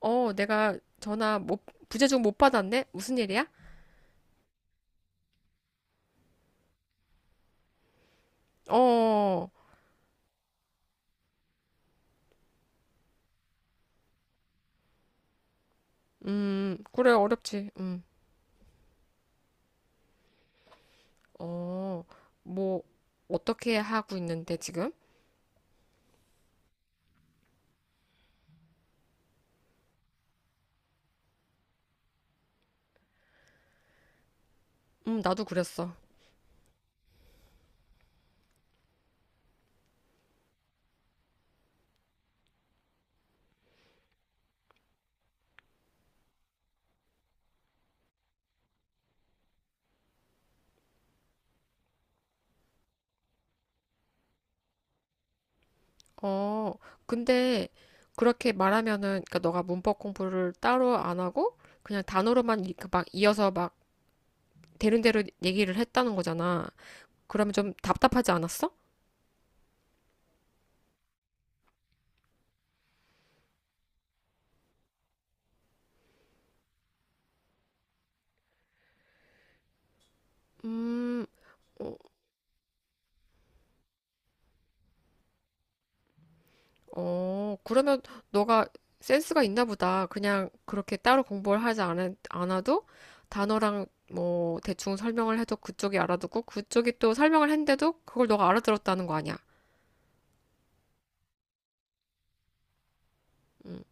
어, 내가 전화 못, 부재중 못 받았네? 무슨 일이야? 어, 그래, 어렵지. 어, 뭐, 어떻게 하고 있는데, 지금? 나도 그랬어. 어, 근데, 그렇게 말하면은, 그니까 너가 문법 공부를 따로 안 하고, 그냥 단어로만 그막 이어서 막 되는 대로 얘기를 했다는 거잖아. 그러면 좀 답답하지 않았어? 음, 어, 어, 그러면 너가 센스가 있나 보다. 그냥 그렇게 따로 공부를 하지 않아도 단어랑 뭐 대충 설명을 해도 그쪽이 알아듣고 그쪽이 또 설명을 했는데도 그걸 너가 알아들었다는 거 아니야. 음,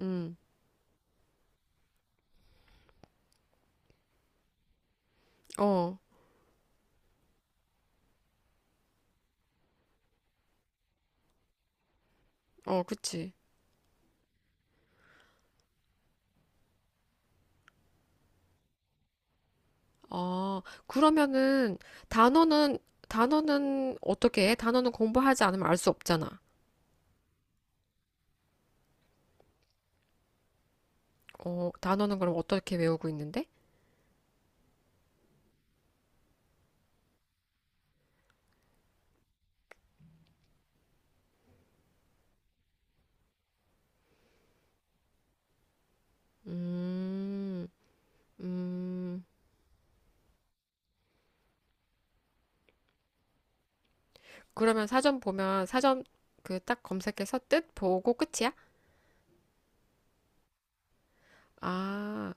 음, 어, 어, 그치. 아, 그러면은 단어는, 단어는 어떻게 해? 단어는 공부하지 않으면 알 수 없잖아. 어, 단어는 그럼 어떻게 외우고 있는데? 음, 음. 그러면 사전 보면 사전 그 딱 검색해서 뜻 보고 끝이야? 아,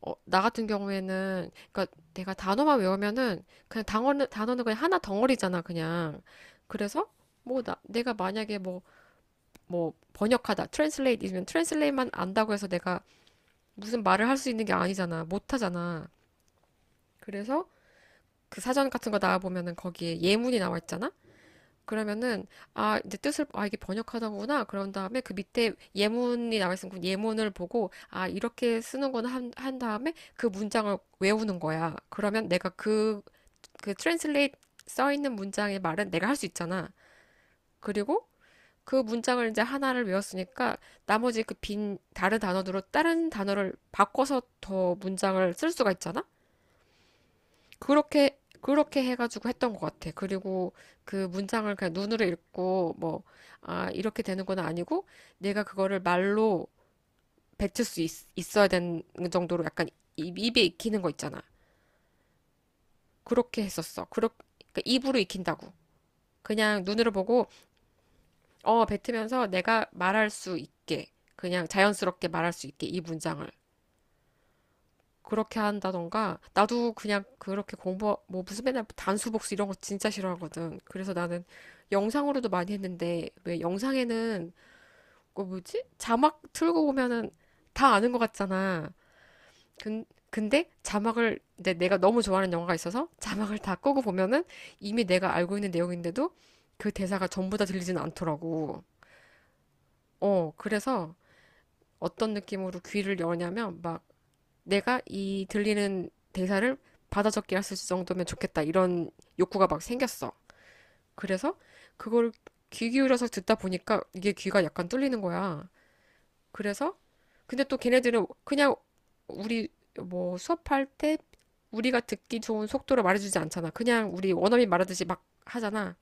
어, 나 같은 경우에는 그러니까 내가 단어만 외우면은 그냥 단어는 그냥 하나 덩어리잖아, 그냥. 그래서 뭐 내가 만약에 뭐 번역하다, 트랜슬레이트면 트랜슬레이트만 안다고 해서 내가 무슨 말을 할 수 있는 게 아니잖아. 못 하잖아. 그래서 그 사전 같은 거 나와 보면은 거기에 예문이 나와 있잖아. 그러면은 아, 내 뜻을 아 이게 번역하던구나. 그런 다음에 그 밑에 예문이 나와 있으면 그 예문을 보고 아, 이렇게 쓰는구나 한 다음에 그 문장을 외우는 거야. 그러면 내가 그 트랜슬레이트 써 있는 문장의 말은 내가 할 수 있잖아. 그리고 그 문장을 이제 하나를 외웠으니까 나머지 그 빈 다른 단어로 다른 단어를 바꿔서 더 문장을 쓸 수가 있잖아. 그렇게 그렇게 해가지고 했던 것 같아. 그리고 그 문장을 그냥 눈으로 읽고 뭐, 아, 이렇게 되는 건 아니고 내가 그거를 말로 뱉을 수 있어야 되는 정도로 약간 입에 익히는 거 있잖아. 그렇게 했었어. 그러니까 입으로 익힌다고. 그냥 눈으로 보고 어, 뱉으면서 내가 말할 수 있게 그냥 자연스럽게 말할 수 있게 이 문장을. 그렇게 한다던가 나도 그냥 그렇게 공부 뭐 무슨 맨날 단수 복수 이런 거 진짜 싫어하거든. 그래서 나는 영상으로도 많이 했는데 왜 영상에는 그 뭐지? 자막 틀고 보면은 다 아는 것 같잖아. 근 근데 자막을 내가 너무 좋아하는 영화가 있어서 자막을 다 끄고 보면은 이미 내가 알고 있는 내용인데도 그 대사가 전부 다 들리진 않더라고. 어, 그래서 어떤 느낌으로 귀를 여냐면 막 내가 이 들리는 대사를 받아 적기 할수 있을 정도면 좋겠다. 이런 욕구가 막 생겼어. 그래서 그걸 귀 기울여서 듣다 보니까 이게 귀가 약간 뚫리는 거야. 그래서 근데 또 걔네들은 그냥 우리 뭐 수업할 때 우리가 듣기 좋은 속도로 말해주지 않잖아. 그냥 우리 원어민 말하듯이 막 하잖아.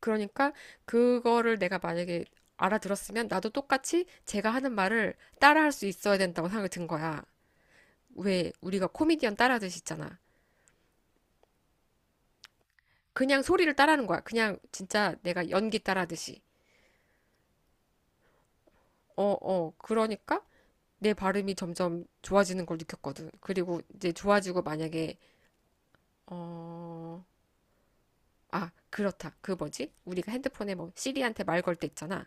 그러니까 그거를 내가 만약에 알아들었으면 나도 똑같이 제가 하는 말을 따라할 수 있어야 된다고 생각이 든 거야. 왜 우리가 코미디언 따라하듯이 있잖아. 그냥 소리를 따라하는 거야. 그냥 진짜 내가 연기 따라하듯이. 어, 어. 그러니까 내 발음이 점점 좋아지는 걸 느꼈거든. 그리고 이제 좋아지고 만약에 어, 아, 그렇다. 그 뭐지? 우리가 핸드폰에 뭐 시리한테 말 걸 때 있잖아.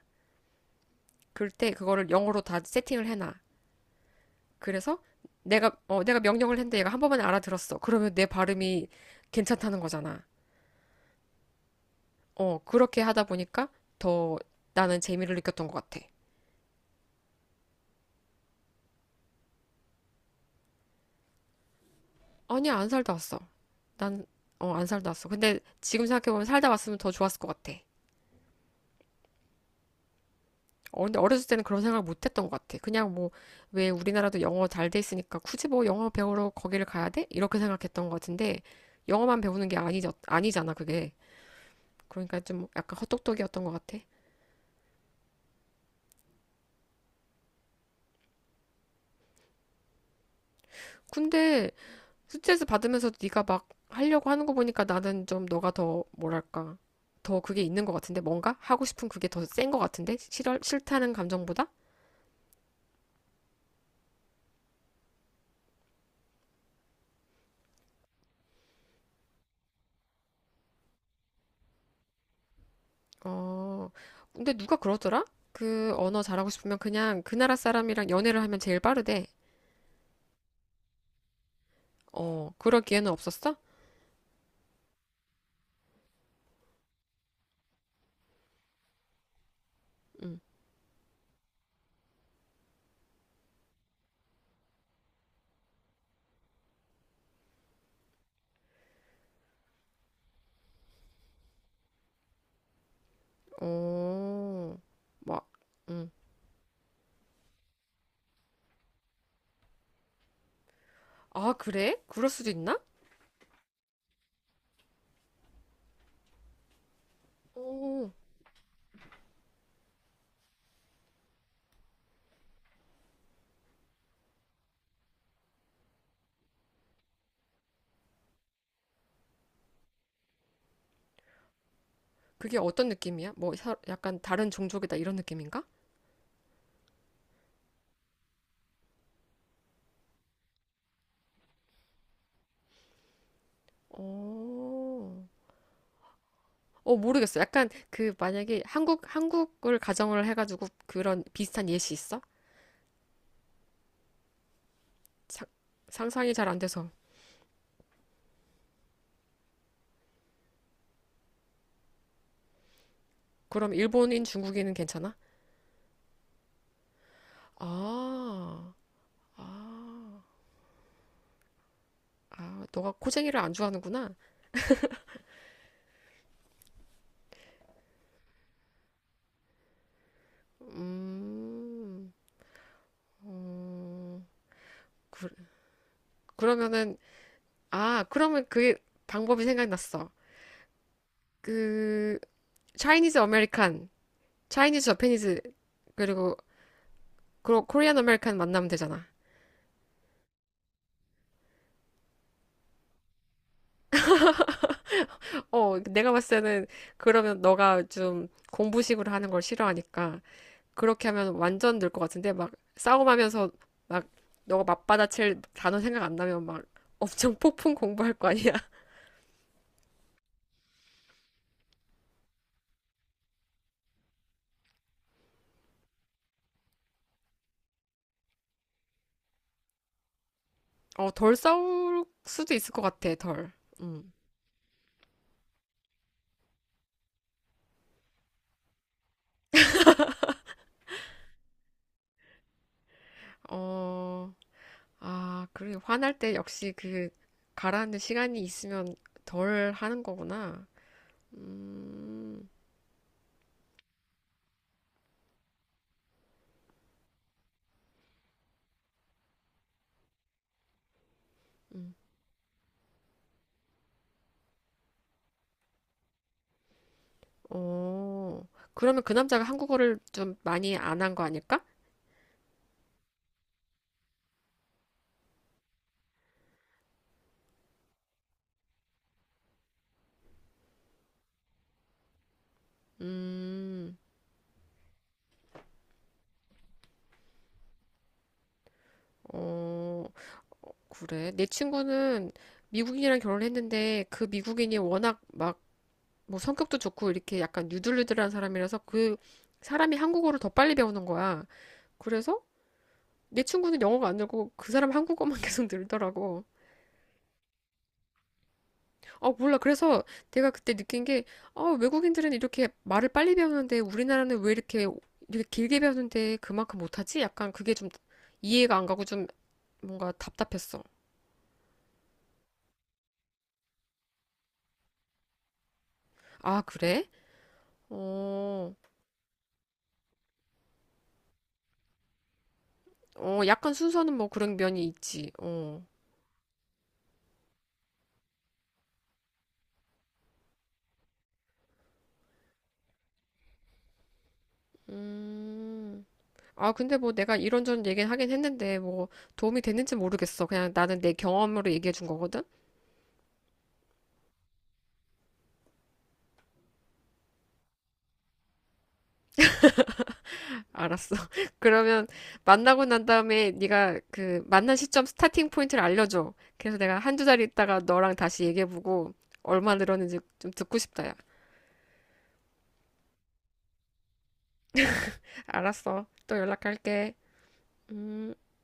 그럴 때 그거를 영어로 다 세팅을 해놔. 그래서 내가 명령을 했는데 얘가 한 번만에 알아들었어. 그러면 내 발음이 괜찮다는 거잖아. 어, 그렇게 하다 보니까 더 나는 재미를 느꼈던 것 같아. 아니, 안 살다 왔어. 난, 안 살다 왔어. 근데 지금 생각해보면 살다 왔으면 더 좋았을 것 같아. 어, 근데 어렸을 때는 그런 생각을 못 했던 것 같아. 그냥 뭐, 왜 우리나라도 영어 잘 돼 있으니까 굳이 뭐 영어 배우러 거기를 가야 돼? 이렇게 생각했던 것 같은데, 영어만 배우는 게 아니, 아니잖아, 그게. 그러니까 좀 약간 헛똑똑이었던 것 같아. 근데 스트레스 받으면서 네가 막 하려고 하는 거 보니까 나는 좀 너가 더, 뭐랄까. 더 그게 있는 것 같은데 뭔가 하고 싶은 그게 더 센 것 같은데 싫어, 싫다는 감정보다 어, 근데 누가 그러더라? 그 언어 잘하고 싶으면 그냥 그 나라 사람이랑 연애를 하면 제일 빠르대. 어, 그럴 기회는 없었어? 응. 어, 막, 응. 아, 그래? 그럴 수도 있나? 어, 그게 어떤 느낌이야? 뭐, 약간 다른 종족이다 이런 느낌인가? 어, 어, 모르겠어. 약간 그 만약에 한국을 가정을 해가지고 그런 비슷한 예시 있어? 상, 상상이 잘 안 돼서. 그럼 일본인, 중국인은 괜찮아? 아. 아, 아, 너가 코쟁이를 안 좋아하는구나. 음, 어, 그, 그러면은, 아, 그러면 그 방법이 생각났어. 그, 차이니즈 아메리칸, 차이니즈 저페니즈, 그리고, 그리고 코리안 아메리칸 만나면 되잖아. 어, 내가 봤을 때는 그러면 너가 좀 공부식으로 하는 걸 싫어하니까 그렇게 하면 완전 늘 것 같은데 막 싸움하면서 막 너가 맞받아칠 단어 생각 안 나면 막 엄청 폭풍 공부할 거 아니야? 어, 덜 싸울 수도 있을 것 같아, 덜. 음. 어, 아, 그래. 화날 때 역시 그 가라앉는 시간이 있으면 덜 하는 거구나. 음, 음. 어, 그러면 그 남자가 한국어를 좀 많이 안 한 거 아닐까? 음, 어, 그래. 내 친구는 미국인이랑 결혼했는데 그 미국인이 워낙 막 뭐 성격도 좋고 이렇게 약간 유들유들한 사람이라서 그 사람이 한국어를 더 빨리 배우는 거야. 그래서 내 친구는 영어가 안 늘고 그 사람 한국어만 계속 늘더라고. 아, 몰라. 그래서 내가 그때 느낀 게, 아, 외국인들은 이렇게 말을 빨리 배우는데 우리나라는 왜 이렇게 길게 배우는데 그만큼 못하지? 약간 그게 좀 이해가 안 가고 좀 뭔가 답답했어. 아, 그래? 어, 어, 약간 순서는 뭐 그런 면이 있지. 어, 음. 아, 근데 뭐 내가 이런저런 얘기는 하긴 했는데 뭐 도움이 됐는지 모르겠어. 그냥 나는 내 경험으로 얘기해 준 거거든? 알았어. 그러면 만나고 난 다음에 네가 그 만난 시점 스타팅 포인트를 알려줘. 그래서 내가 한 2달 있다가 너랑 다시 얘기해보고 얼마 늘었는지 좀 듣고 싶다, 야. 알았어. 또 연락할게. 음.